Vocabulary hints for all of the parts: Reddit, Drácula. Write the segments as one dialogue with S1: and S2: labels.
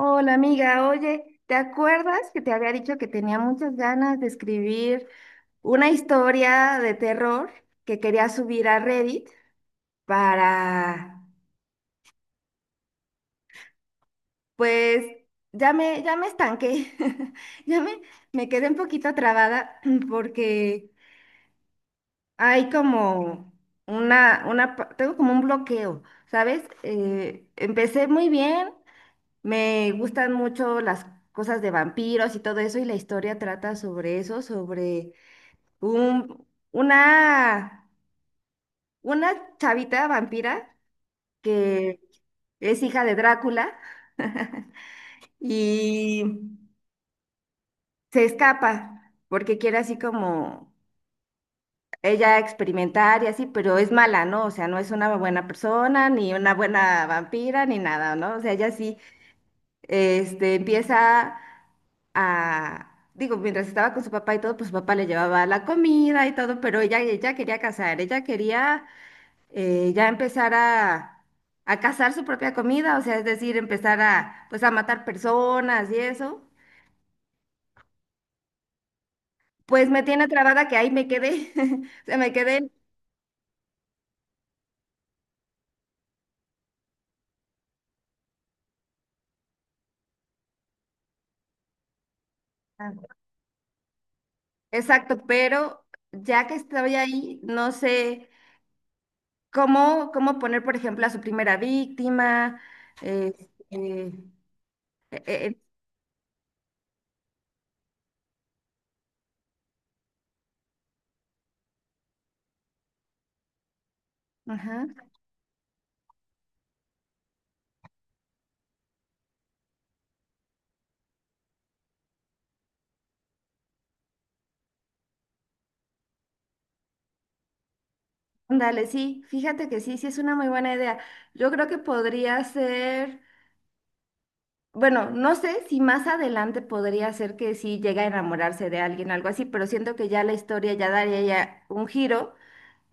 S1: Hola amiga, oye, ¿te acuerdas que te había dicho que tenía muchas ganas de escribir una historia de terror que quería subir a Reddit para, pues, ya me estanqué? ya me, Me quedé un poquito trabada porque hay como una, pa- tengo como un bloqueo, ¿sabes? Empecé muy bien, me gustan mucho las cosas de vampiros y todo eso, y la historia trata sobre eso, sobre un- una, una chavita vampira que es hija de Drácula. Y se escapa porque quiere así como ella experimentar y así, pero es mala, ¿no? O sea, no es una buena persona, ni una buena vampira, ni nada, ¿no? O sea, ella sí, empieza. Digo, mientras estaba con su papá y todo, pues su papá le llevaba la comida y todo, pero ella quería casar, ella quería, ya empezar a cazar su propia comida, o sea, es decir, empezar pues a matar personas y eso. Pues me tiene trabada, que ahí me quedé. O sea, me quedé. Ah, exacto, pero ya que estoy ahí, no sé cómo poner, por ejemplo, a su primera víctima. eh, eh, eh, eh, ajá, ándale, sí, fíjate que sí, sí es una muy buena idea. Yo creo que podría ser... Bueno, no sé si más adelante podría ser que sí llegue a enamorarse de alguien, algo así, pero siento que ya la historia ya daría ya un giro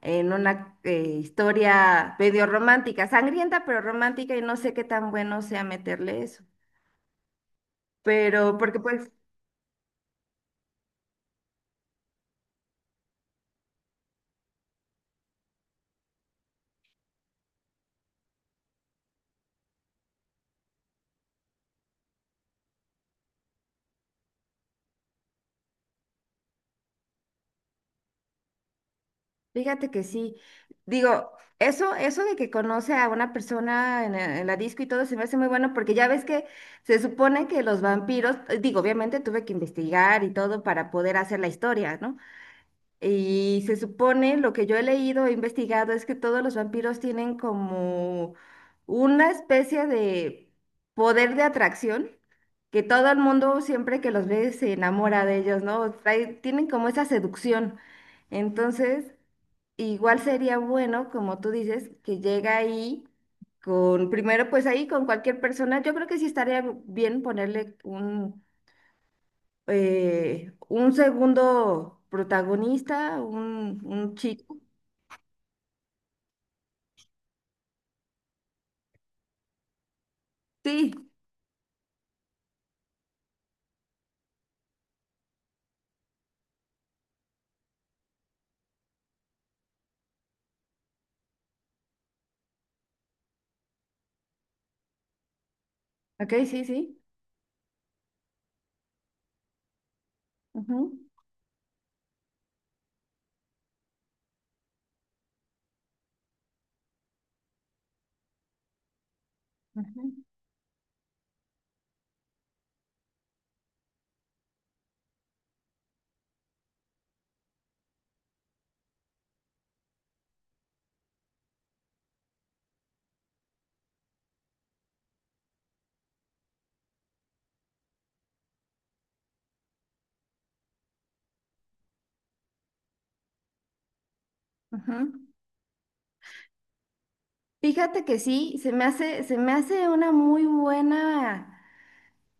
S1: en una, historia medio romántica, sangrienta pero romántica, y no sé qué tan bueno sea meterle eso. Pero porque pues, fíjate que sí, digo, eso de que conoce a una persona en la disco, y todo se me hace muy bueno porque ya ves que se supone que los vampiros, digo, obviamente tuve que investigar y todo para poder hacer la historia, ¿no? Y se supone, lo que yo he leído, he investigado, es que todos los vampiros tienen como una especie de poder de atracción, que todo el mundo siempre que los ve se enamora de ellos, ¿no? Tienen como esa seducción. Entonces, igual sería bueno, como tú dices, que llega ahí con, primero pues ahí con cualquier persona. Yo creo que sí estaría bien ponerle un, un segundo protagonista, un chico. Sí, ok, sí, sí. Ujú, ujú, ujú. Fíjate que sí, se me hace una muy buena,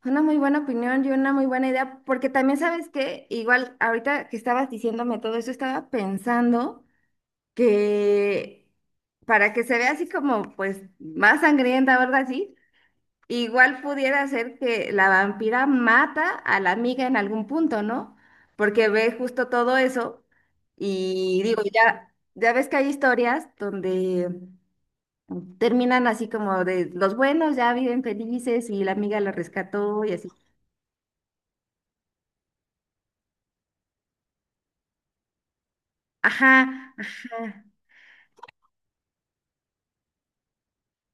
S1: una muy buena opinión, y una muy buena idea, porque también sabes que, igual ahorita que estabas diciéndome todo eso, estaba pensando que para que se vea así como pues más sangrienta o algo así, igual pudiera ser que la vampira mata a la amiga en algún punto, ¿no? Porque ve justo todo eso. Y digo, ya ves que hay historias donde terminan así como de los buenos ya viven felices y la amiga la rescató y así. Ajá, ajá.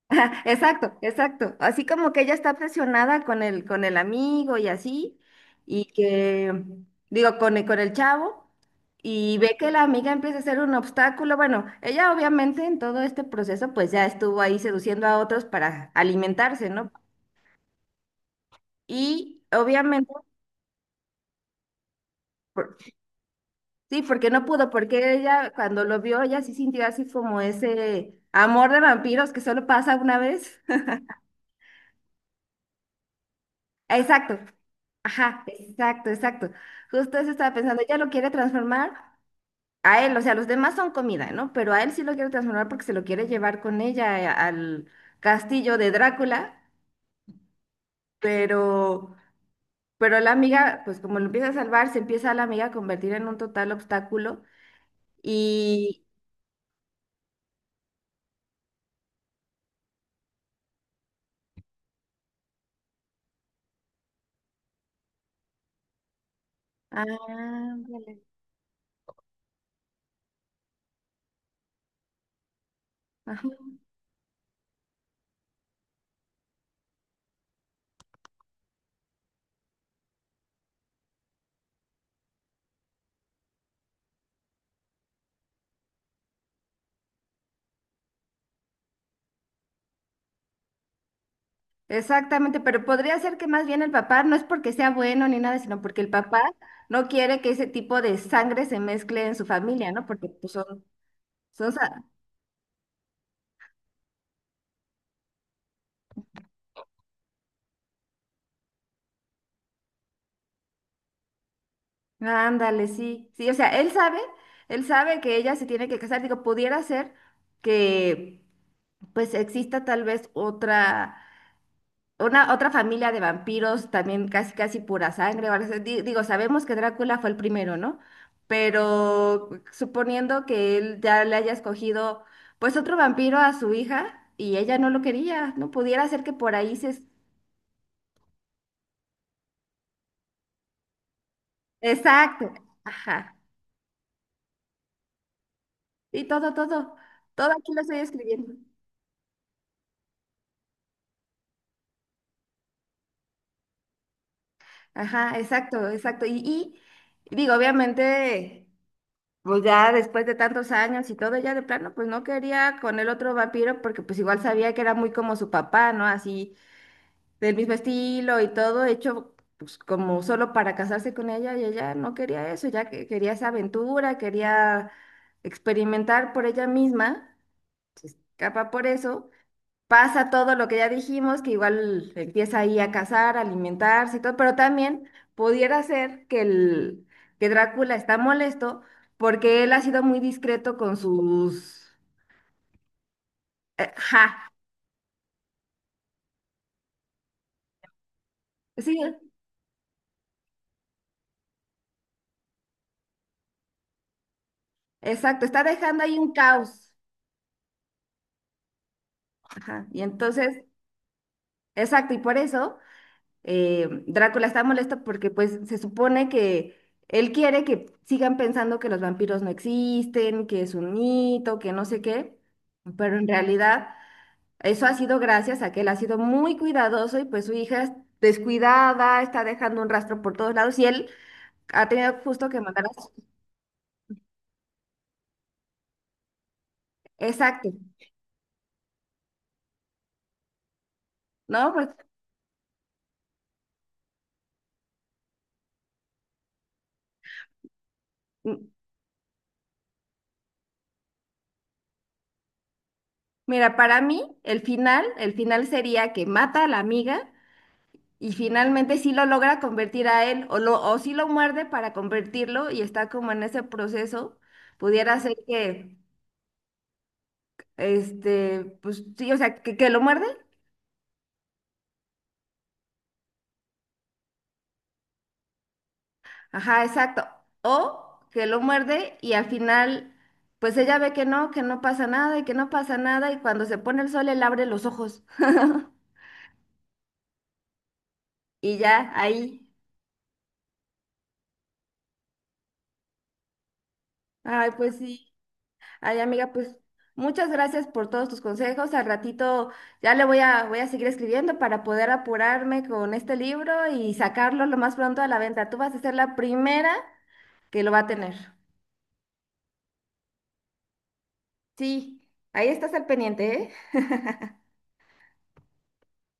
S1: Exacto, exacto. Así como que ella está presionada con el amigo y así, y que, digo, con el chavo, y ve que la amiga empieza a ser un obstáculo. Bueno, ella obviamente en todo este proceso pues ya estuvo ahí seduciendo a otros para alimentarse, ¿no? Y obviamente, por- sí, porque no pudo, porque ella cuando lo vio, ella sí sintió así como ese amor de vampiros que solo pasa una vez. Exacto. Ajá, exacto, exacto. Justo eso estaba pensando. Ella lo quiere transformar a él, o sea, los demás son comida, ¿no? Pero a él sí lo quiere transformar porque se lo quiere llevar con ella, al castillo de Drácula, pero, pero la amiga, pues como lo empieza a salvar, se empieza a la amiga a convertir en un total obstáculo y... Ah, ándale. Exactamente, pero podría ser que más bien el papá no es porque sea bueno ni nada, sino porque el papá no quiere que ese tipo de sangre se mezcle en su familia, ¿no? Porque pues son. Ándale, sí, sí, o sea, él sabe que ella se tiene que casar, digo, pudiera ser que pues exista tal vez otra familia de vampiros, también casi casi pura sangre, o algo así. Digo, sabemos que Drácula fue el primero, ¿no? Pero suponiendo que él ya le haya escogido pues otro vampiro a su hija y ella no lo quería, no pudiera ser que por ahí se... Exacto, ajá. Y todo, todo, todo aquí lo estoy escribiendo. Ajá, exacto, exacto. Y digo, obviamente. Pues ya después de tantos años y todo, ya de plano, pues no quería con el otro vampiro porque pues igual sabía que era muy como su papá, ¿no? Así, del mismo estilo y todo, hecho pues como solo para casarse con ella, y ella no quería eso, ya que quería esa aventura, quería experimentar por ella misma. Se escapa por eso. Pasa todo lo que ya dijimos, que igual empieza ahí a cazar, a alimentarse y todo, pero también pudiera ser que, que Drácula está molesto porque él ha sido muy discreto con sus... eh, ja, sí, exacto, está dejando ahí un caos. Ajá, y entonces, exacto. Y por eso, Drácula está molesto porque pues se supone que... Él quiere que sigan pensando que los vampiros no existen, que es un mito, que no sé qué, pero en realidad eso ha sido gracias a que él ha sido muy cuidadoso, y pues su hija es descuidada, está dejando un rastro por todos lados y él ha tenido justo que mandar a su... Exacto, ¿no? Pues m- mira, para mí el final sería que mata a la amiga y finalmente sí lo logra convertir a él o sí lo muerde para convertirlo y está como en ese proceso, pudiera ser que, este, pues sí, o sea, que lo muerde. Ajá, exacto. O que lo muerde, y al final pues ella ve que no pasa nada, y que no pasa nada, y cuando se pone el sol él abre los ojos. Y ya, ahí. Ay, pues sí. Ay, amiga, pues muchas gracias por todos tus consejos. Al ratito ya le voy a seguir escribiendo para poder apurarme con este libro y sacarlo lo más pronto a la venta. Tú vas a ser la primera que lo va a tener. Sí, ahí estás al pendiente, ¿eh?